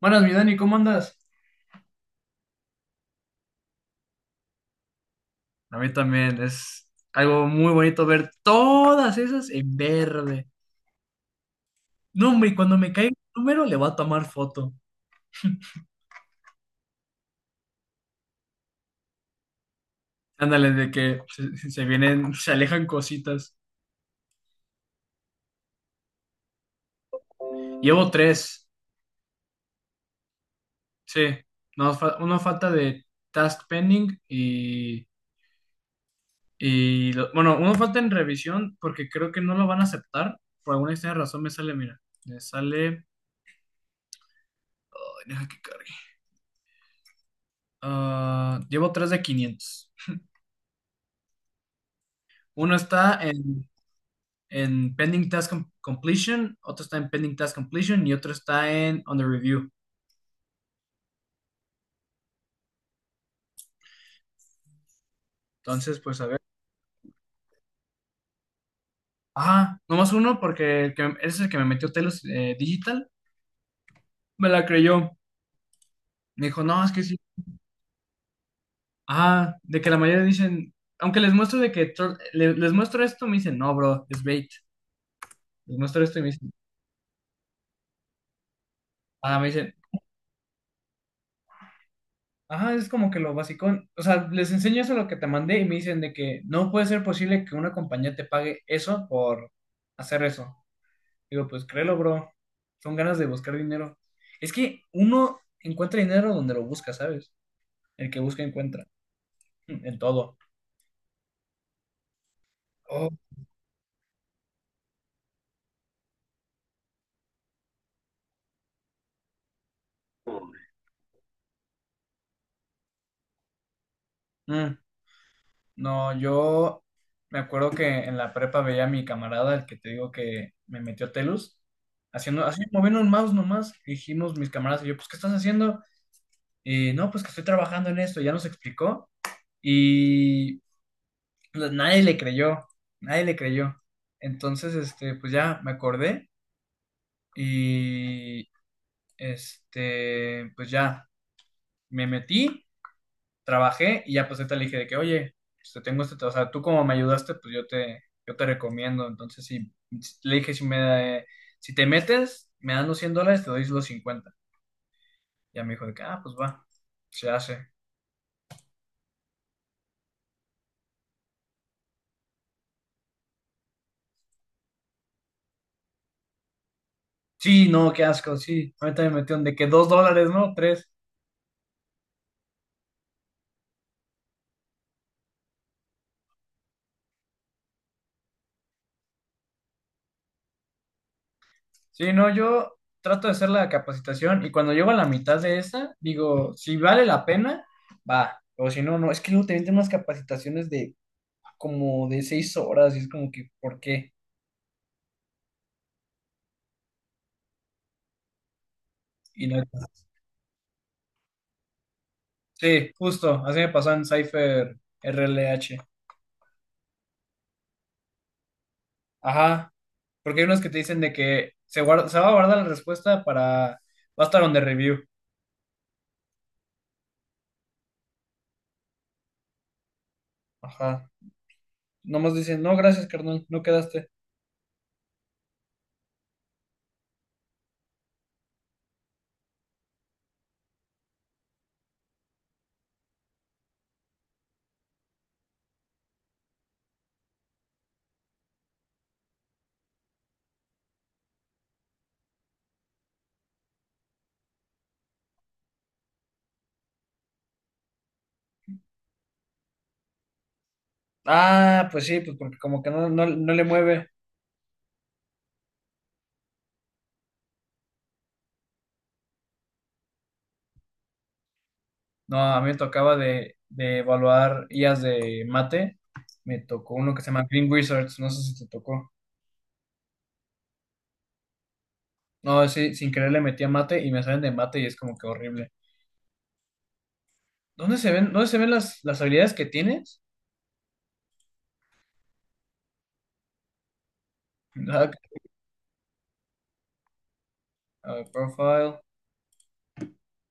Buenas, mi Dani, ¿cómo andas? A mí también es algo muy bonito ver todas esas en verde. No, hombre, y cuando me caiga un número le voy a tomar foto. Ándale, de que se vienen, se alejan cositas. Llevo tres, sí. No, uno falta de task pending y bueno, uno falta en revisión porque creo que no lo van a aceptar. Por alguna extraña razón me sale, mira, me sale. Ay, deja que cargue. Ah, llevo tres de 500. Uno está en Pending Task Completion, otro está en Pending Task Completion y otro está en Under Review. Entonces, pues a ver. Ah, nomás uno porque el que, es el que me metió Telos, Digital. Me la creyó. Me dijo, no, es que sí. Ah, de que la mayoría dicen, aunque les muestro de que les muestro esto, me dicen, no, bro, es bait. Les muestro esto y me dicen, ajá, es como que lo basicón. O sea, les enseño eso lo que te mandé y me dicen de que no puede ser posible que una compañía te pague eso por hacer eso. Digo, pues créelo, bro. Son ganas de buscar dinero. Es que uno encuentra dinero donde lo busca, ¿sabes? El que busca encuentra. Mm. En todo. Oh. Mm. No, yo me acuerdo que en la prepa veía a mi camarada, el que te digo que me metió Telus, haciendo, así moviendo un mouse nomás. Y dijimos mis camaradas y yo, pues, ¿qué estás haciendo? Y no, pues que estoy trabajando en esto, ya nos explicó. Y pues, nadie le creyó, nadie le creyó. Entonces, este, pues ya me acordé. Y este, pues ya, me metí, trabajé y ya pues ahorita le dije de que, oye, pues, te tengo este, o sea, tú como me ayudaste, pues yo te recomiendo. Entonces, sí, le dije, si te metes, me dan los $100, te doy los 50. Ya me dijo de que, ah, pues va, se hace. Sí, no, qué asco, sí. Ahorita me metió de que $2, ¿no? tres. Sí, no, yo trato de hacer la capacitación y cuando llego a la mitad de esa, digo, si vale la pena, va, o si no, no, es que luego te venden unas capacitaciones de como de 6 horas y es como que, ¿por qué? Y no- sí, justo, así me pasó en Cypher RLH. Ajá, porque hay unos que te dicen de que se va a guardar la respuesta para, va a estar on the review. Ajá, nomás dicen, no, gracias, carnal, no quedaste. Ah, pues sí, pues porque como que no, no, no le mueve. No, a mí me tocaba de evaluar IAs de mate. Me tocó uno que se llama Green Wizards, no sé si te tocó. No, sí, sin querer le metí a mate y me salen de mate y es como que horrible. ¿Dónde se ven las habilidades que tienes? Hack, a ver, profile.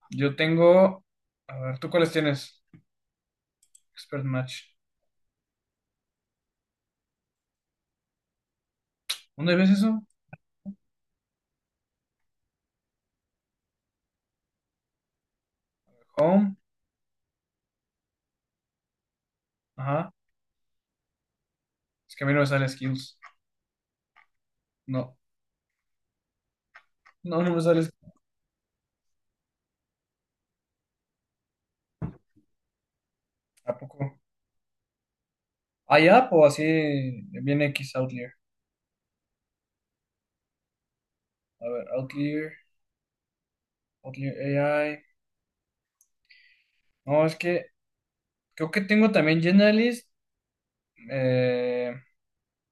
Yo tengo. A ver, ¿tú cuáles tienes? Expert Match. ¿Dónde ves eso? Home. Ajá. Es que a mí no me sale skills. No, no, no me sale. ¿A poco? ¿Hay app o así? Viene X Outlier. A ver, Outlier. Kotlin AI. No, es que creo que tengo también Generalist. eh,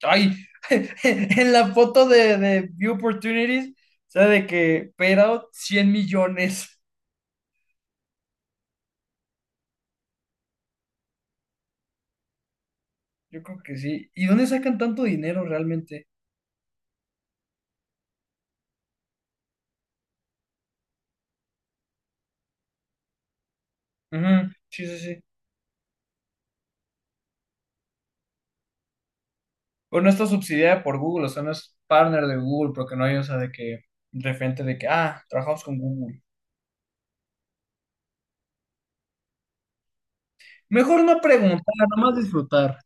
ay, en la foto de View Opportunities, o sea, de que paid out 100 millones. Yo creo que sí. ¿Y dónde sacan tanto dinero realmente? Ujú, sí, sí, sí. Bueno, no está subsidiada por Google, o sea, no es partner de Google, porque no hay, o sea, de que de frente de que, ah, trabajamos con Google. Mejor no preguntar, nomás disfrutar.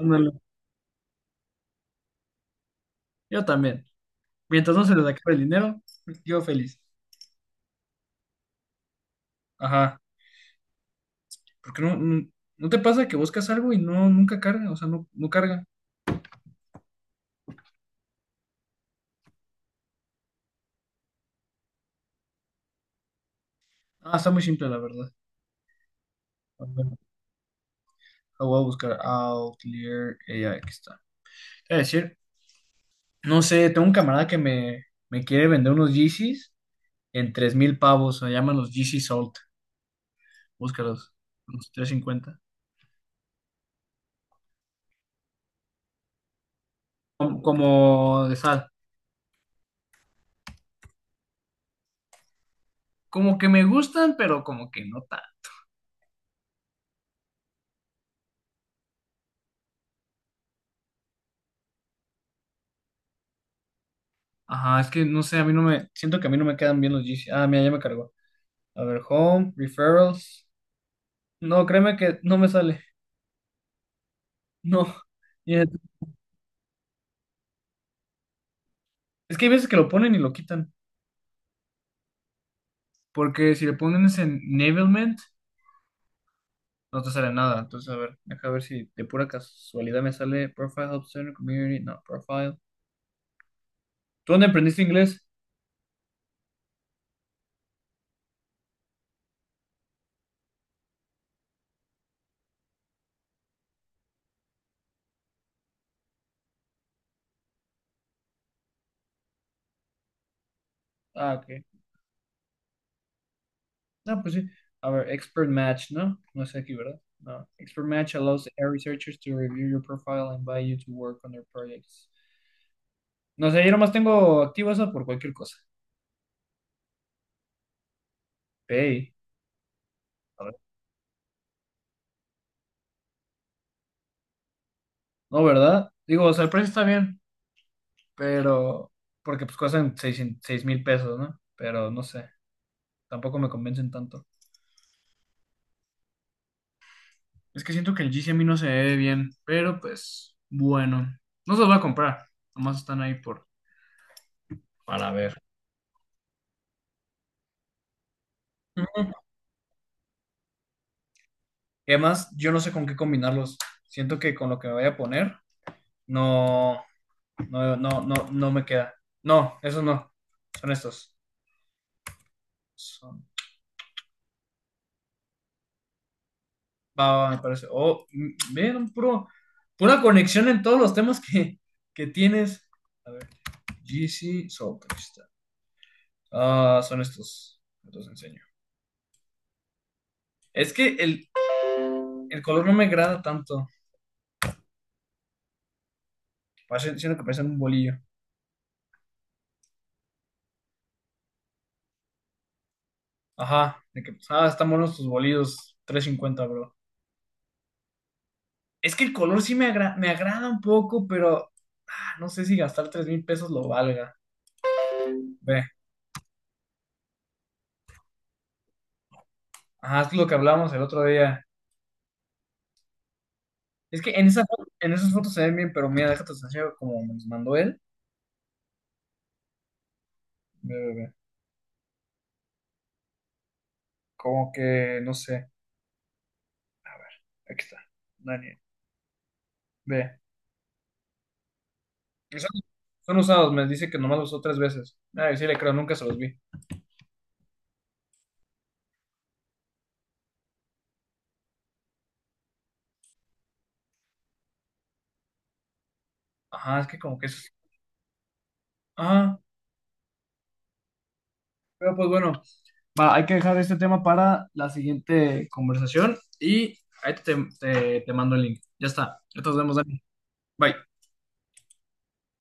Ándale. Yo también. Mientras no se les acabe el dinero, yo feliz. Ajá, porque no, no, ¿no te pasa que buscas algo y no, nunca carga, o sea, no, no carga? Ah, está muy simple, la verdad. A ver, lo voy a buscar Outlier AI, aquí está. Es decir, no sé, tengo un camarada que me quiere vender unos Yeezys en 3,000 pavos, se llaman los Yeezy Salt, búscalos, unos cincuenta. Como, como de sal. Como que me gustan, pero como que no tan. Ajá, es que no sé, a mí no me, siento que a mí no me quedan bien los Yeezy. Ah, mira, ya me cargó. A ver, Home, Referrals. No, créeme que no me sale. No. Y Es es que hay veces que lo ponen y lo quitan. Porque si le ponen ese enablement, no te sale nada. Entonces, a ver, deja ver si de pura casualidad me sale Profile Help Center Community, no, Profile. ¿Tú dónde aprendiste inglés? Ah, ok. No, pues sí. A ver, Expert Match, ¿no? No sé aquí, ¿verdad? No. Expert Match allows AI researchers to review your profile and invite you to work on their projects. No sé, yo nomás tengo activo eso por cualquier cosa. Pay. A ver. No, ¿verdad? Digo, o sea, el precio está bien, pero porque pues cuestan seis mil pesos, ¿no? Pero no sé, tampoco me convencen tanto. Es que siento que el G C a mí no se ve bien, pero pues bueno, no se los voy a comprar, nomás están ahí por para ver. Ujú. Y además, yo no sé con qué combinarlos. Siento que con lo que me vaya a poner, no, no, no, no, no me queda. No, esos no. Son estos. Son, Va, va, va, me parece. Oh, mm, ven, un puro, pura conexión en todos los temas que tienes. A ver. GC Soul Crystal. Ah, son estos. Los enseño. Es que el color no me agrada tanto. Siento que parecen un bolillo. Ajá. De que, ah, están buenos tus bolillos. Tres cincuenta, bro. Es que el color sí me agrada un poco, pero ah, no sé si gastar 3,000 pesos lo valga. Ve. Ajá, es lo que hablamos el otro día. Es que en esas fotos se ven bien, pero mira, déjate enseñar como me los mandó él. Ve, ve, ve. Como que, no sé. A ver, aquí está. Daniel. Ve. Pues son usados, me dice que nomás los usó tres veces. Ay, sí le creo, nunca se los vi. Ajá, es que como que es... Ah, pero pues bueno, va, hay que dejar este tema para la siguiente conversación y ahí te mando el link. Ya está, ya nos vemos, Dani. Bye.